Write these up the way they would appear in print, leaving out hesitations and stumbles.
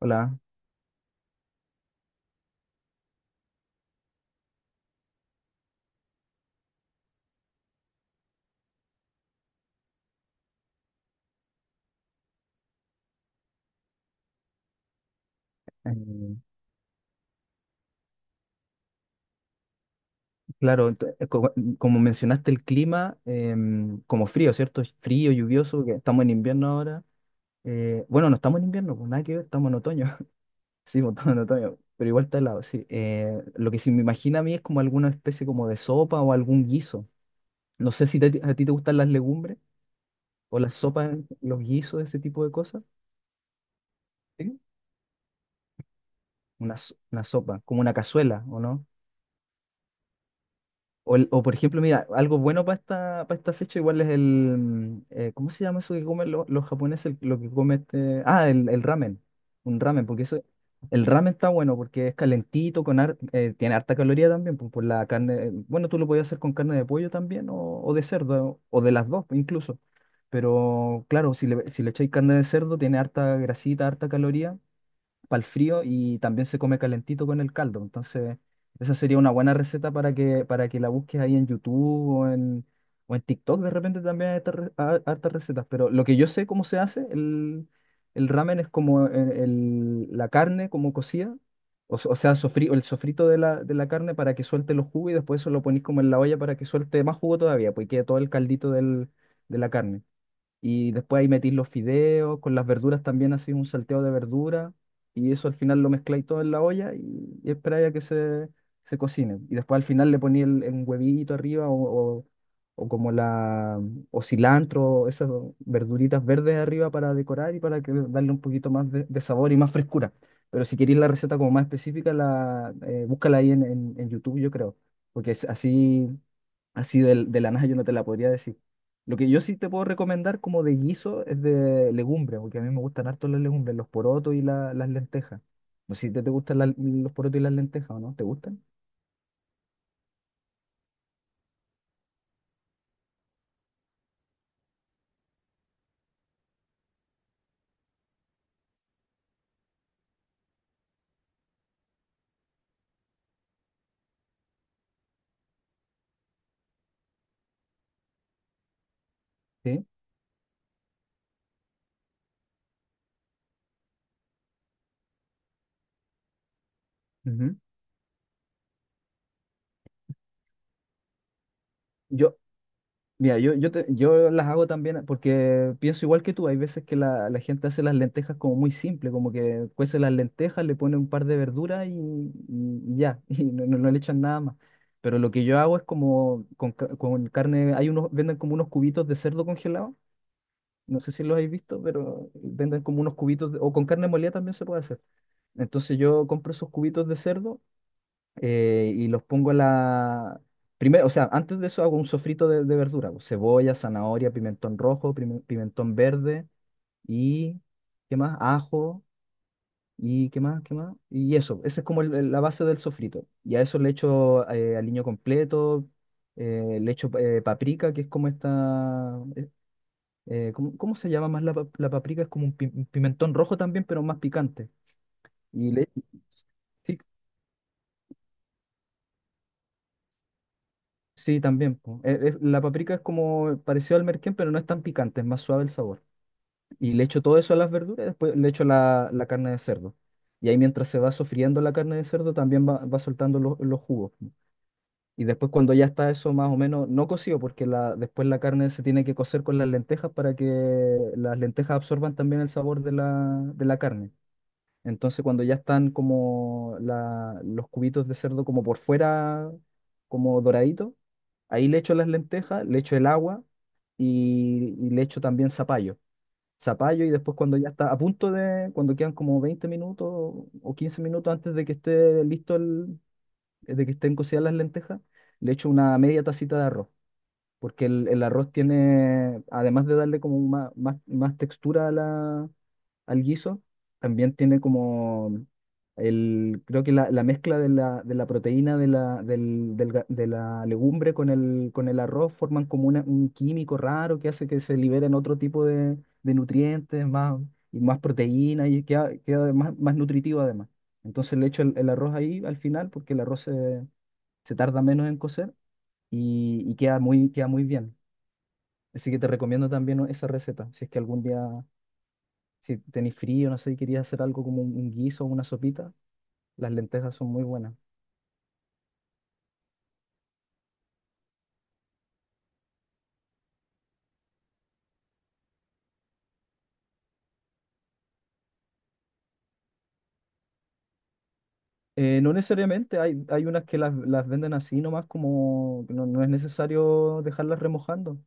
Hola. Eh, claro, como mencionaste el clima, como frío, ¿cierto? Es frío, lluvioso, que estamos en invierno ahora. Bueno, no estamos en invierno, pues nada que ver, estamos en otoño. Sí, pues, estamos en otoño, pero igual está helado, sí. Lo que sí me imagina a mí es como alguna especie como de sopa o algún guiso. No sé si a ti te gustan las legumbres o las sopas, los guisos, ese tipo de cosas. Sí. Una, una sopa, como una cazuela, ¿o no? O, o, por ejemplo, mira, algo bueno para para esta fecha igual es el. ¿Cómo se llama eso que comen los japoneses? Lo que come este... Ah, el ramen. Un ramen, porque eso... El ramen está bueno porque es calentito, con tiene harta caloría también, pues, por la carne... Bueno, tú lo podías hacer con carne de pollo también o de cerdo, o de las dos incluso. Pero claro, si le echáis carne de cerdo, tiene harta grasita, harta caloría para el frío y también se come calentito con el caldo. Entonces, esa sería una buena receta para para que la busques ahí en YouTube o en TikTok. De repente también hay hartas recetas. Pero lo que yo sé cómo se hace, el ramen es como la carne como cocida. O, o sea, el sofrito de la carne para que suelte los jugos y después eso lo ponís como en la olla para que suelte más jugo todavía, pues y quede todo el caldito de la carne. Y después ahí metís los fideos, con las verduras también así un salteo de verdura. Y eso al final lo mezcláis todo en la y esperáis a que se cocine. Y después al final le poní el, un huevito arriba o o- como o cilantro, esas verduritas verdes arriba para decorar y para darle un poquito más de sabor y más frescura. Pero si queréis la receta como más específica, búscala ahí en YouTube, yo creo. Porque es así. Así de la nada yo no te la podría decir. Lo que yo sí te puedo recomendar como de guiso es de legumbres, porque a mí me gustan harto las legumbres, los porotos y las lentejas. No sé si te gustan los porotos y las lentejas o no, ¿te gustan? Sí. Ujú. Yo, Mira, yo las hago también porque pienso igual que tú. Hay veces que la gente hace las lentejas como muy simple, como que cuece las lentejas, le pone un par de verduras y ya, y no le echan nada más. Pero lo que yo hago es como con carne, hay unos, venden como unos cubitos de cerdo congelado, no sé si los habéis visto, pero venden como unos cubitos, o con carne molida también se puede hacer. Entonces yo compro esos cubitos de cerdo y los pongo en la... Primero, o sea, antes de eso hago un sofrito de verdura, pues, cebolla, zanahoria, pimentón rojo, pimentón verde y, ¿qué más? Ajo y, ¿qué más? ¿Qué más? Y eso, esa es como la base del sofrito. Y a eso le echo aliño completo, le echo paprika, que es como esta. ¿Cómo, cómo se llama más la paprika? Es como un pimentón rojo también, pero más picante. Y le, Sí, sí, también, po. La paprika es como parecido al merquén, pero no es tan picante, es más suave el sabor. Y le echo todo eso a las verduras y después le echo la carne de cerdo. Y ahí mientras se va sofriendo la carne de cerdo también va soltando los jugos, po. Y después cuando ya está eso más o menos, no cocido, porque después la carne se tiene que cocer con las lentejas para que las lentejas absorban también el sabor de de la carne. Entonces, cuando ya están como los cubitos de cerdo como por fuera, como doradito, ahí le echo las lentejas, le echo el agua y le echo también zapallo. Zapallo y después cuando ya está a punto de, cuando quedan como 20 minutos o 15 minutos antes de que esté listo de que estén cocidas las lentejas, le echo una media tacita de arroz, porque el arroz tiene, además de darle como más textura al guiso. También tiene como el, creo que la mezcla de de la proteína de la, del- del ga- de la legumbre con con el arroz forman como un químico raro que hace que se liberen otro tipo de nutrientes, más, y más proteína y queda más, más nutritivo además. Entonces le echo el arroz ahí al final porque el arroz se tarda menos en cocer y queda muy bien. Así que te recomiendo también esa receta, si es que algún día si tenéis frío, no sé, y querías hacer algo como un guiso o una sopita, las lentejas son muy buenas. No necesariamente, hay unas que las venden así nomás, como no, no es necesario dejarlas remojando.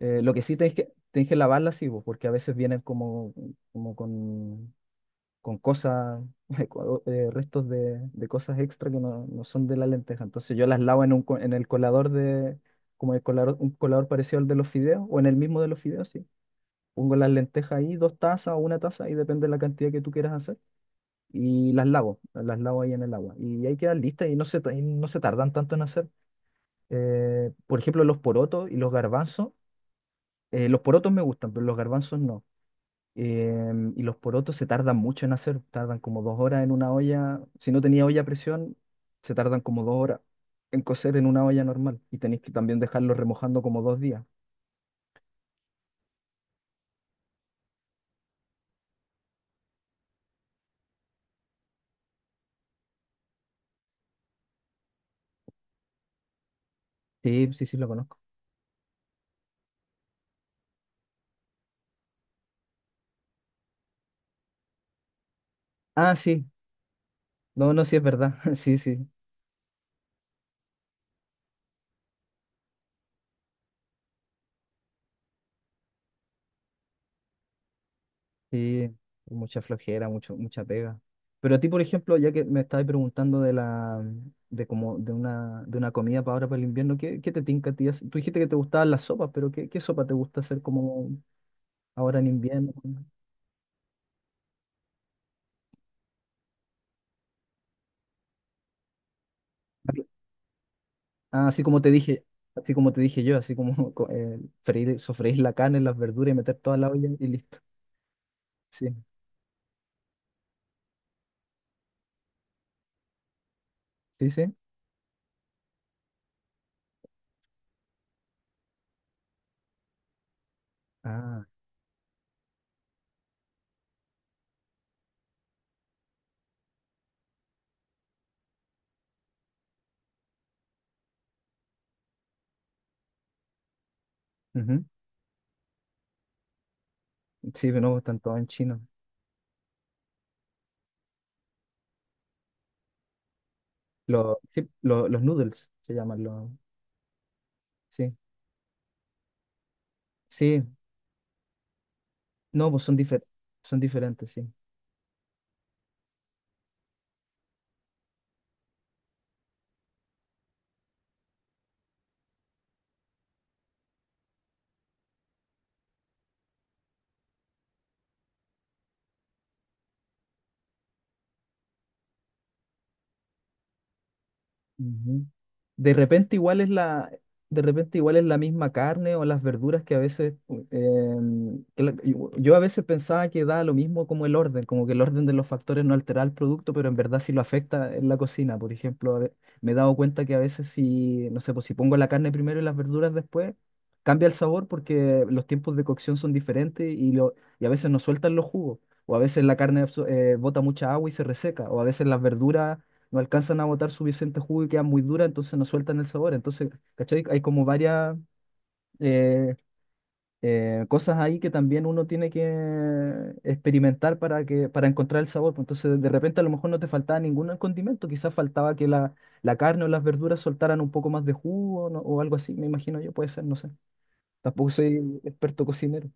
Lo que sí tenéis tenéis que lavarlas, sí, vos, porque a veces vienen como con, con cosas, restos de cosas extra que no, no son de la lenteja. Entonces yo las lavo en el colador como el colador, un colador parecido al de los fideos, o en el mismo de los fideos, sí. Pongo las lentejas ahí, dos tazas o una taza, y depende de la cantidad que tú quieras hacer. Y las lavo ahí en el agua. Y ahí quedan listas y no y no se tardan tanto en hacer. Por ejemplo, los porotos y los garbanzos. Los porotos me gustan, pero los garbanzos no. Y los porotos se tardan mucho en hacer, tardan como dos horas en una olla. Si no tenía olla a presión, se tardan como dos horas en cocer en una olla normal. Y tenéis que también dejarlo remojando como dos días. Sí, sí, sí, lo conozco. Ah, sí. No, no, sí es verdad. Sí, sí. Sí, mucha flojera, mucho, mucha pega. Pero a ti, por ejemplo, ya que me estabas preguntando de la, de como, de una comida para ahora para el invierno, ¿qué, qué te tinca a ti hacer? Tú dijiste que te gustaban las sopas, pero ¿qué, qué sopa te gusta hacer como ahora en invierno? Ah, así como te dije, así como te dije yo, así como freír, sofreír la carne, las verduras y meter toda la olla y listo. Sí, sí, sí. Ah, ujú. Sí, pero no, están todos en chino. Los noodles se llaman los. Sí. Sí, no, pues son diferentes, sí. Ujú. De repente igual es de repente igual es la misma carne o las verduras que a veces, yo yo a veces pensaba que da lo mismo como el orden, como que el orden de los factores no altera el producto, pero en verdad sí lo afecta en la cocina. Por ejemplo, me he dado cuenta que a veces si, no sé, pues si pongo la carne primero y las verduras después, cambia el sabor porque los tiempos de cocción son diferentes y a veces no sueltan los jugos. O a veces la carne bota mucha agua y se reseca. O a veces las verduras no alcanzan a botar suficiente jugo y queda muy dura entonces no sueltan el sabor. Entonces, ¿cachai? Hay como varias eh, cosas ahí que también uno tiene que experimentar para para encontrar el sabor, pues. Entonces, de repente a lo mejor no te faltaba ningún condimento, quizás faltaba que la carne o las verduras soltaran un poco más de jugo ¿no? o algo así, me imagino yo, puede ser, no sé. Tampoco soy experto cocinero,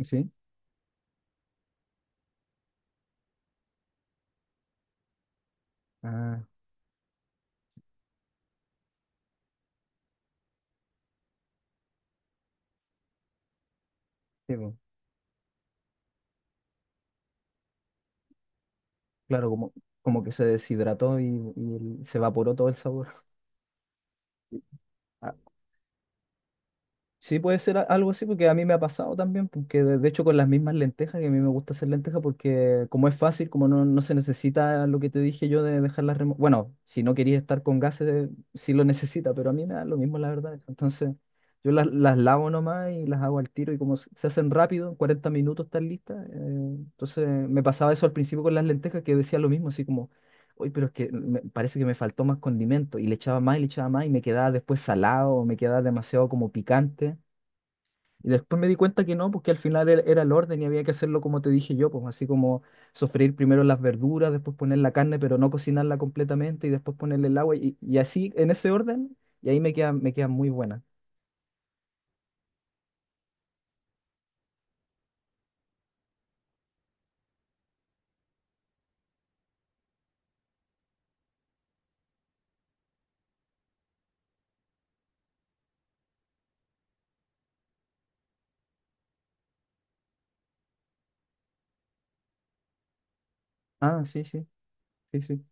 ¿sí? Ah, sí, pues, claro, como, como que se deshidrató se evaporó todo el sabor. Sí, puede ser algo así, porque a mí me ha pasado también, porque de hecho con las mismas lentejas, que a mí me gusta hacer lentejas, porque como es fácil, como no, no se necesita lo que te dije yo de dejarlas remojar. Bueno, si no querías estar con gases, sí lo necesita, pero a mí me da lo mismo, la verdad. Entonces, yo las lavo nomás y las hago al tiro, y como se hacen rápido, en 40 minutos están listas. Entonces, me pasaba eso al principio con las lentejas, que decía lo mismo, así como, uy, pero es que parece que me faltó más condimento, y le echaba más y le echaba más, y me quedaba después salado, o me quedaba demasiado como picante. Y después me di cuenta que no, porque al final era el orden y había que hacerlo como te dije yo, pues así como sofreír primero las verduras, después poner la carne, pero no cocinarla completamente y después ponerle el agua y así en ese orden y ahí me queda muy buena. Ah, sí, sí, sí, sí.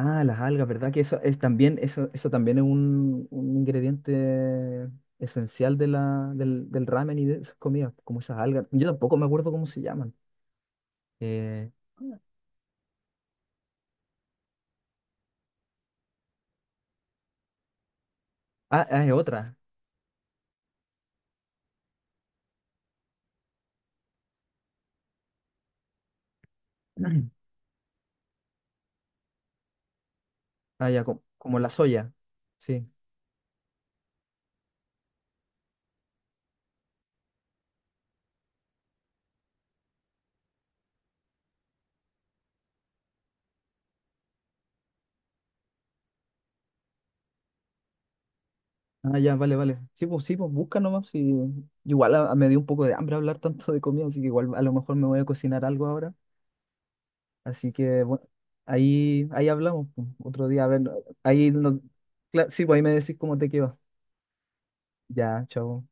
Ah, las algas, ¿verdad? Que eso es también, eso también es un ingrediente esencial de del ramen y de esas comidas, como esas algas. Yo tampoco me acuerdo cómo se llaman. Eh, ah, ah, es otra. Ah, ya, como la soya. Sí. Ah, ya, vale, vale. Sí, pues busca nomás. Sí. Igual me dio un poco de hambre hablar tanto de comida, así que igual a lo mejor me voy a cocinar algo ahora. Así que bueno, ahí, ahí hablamos, pues. Otro día, a ver, ahí no... Sí, pues ahí me decís cómo te quedó. Ya, chao.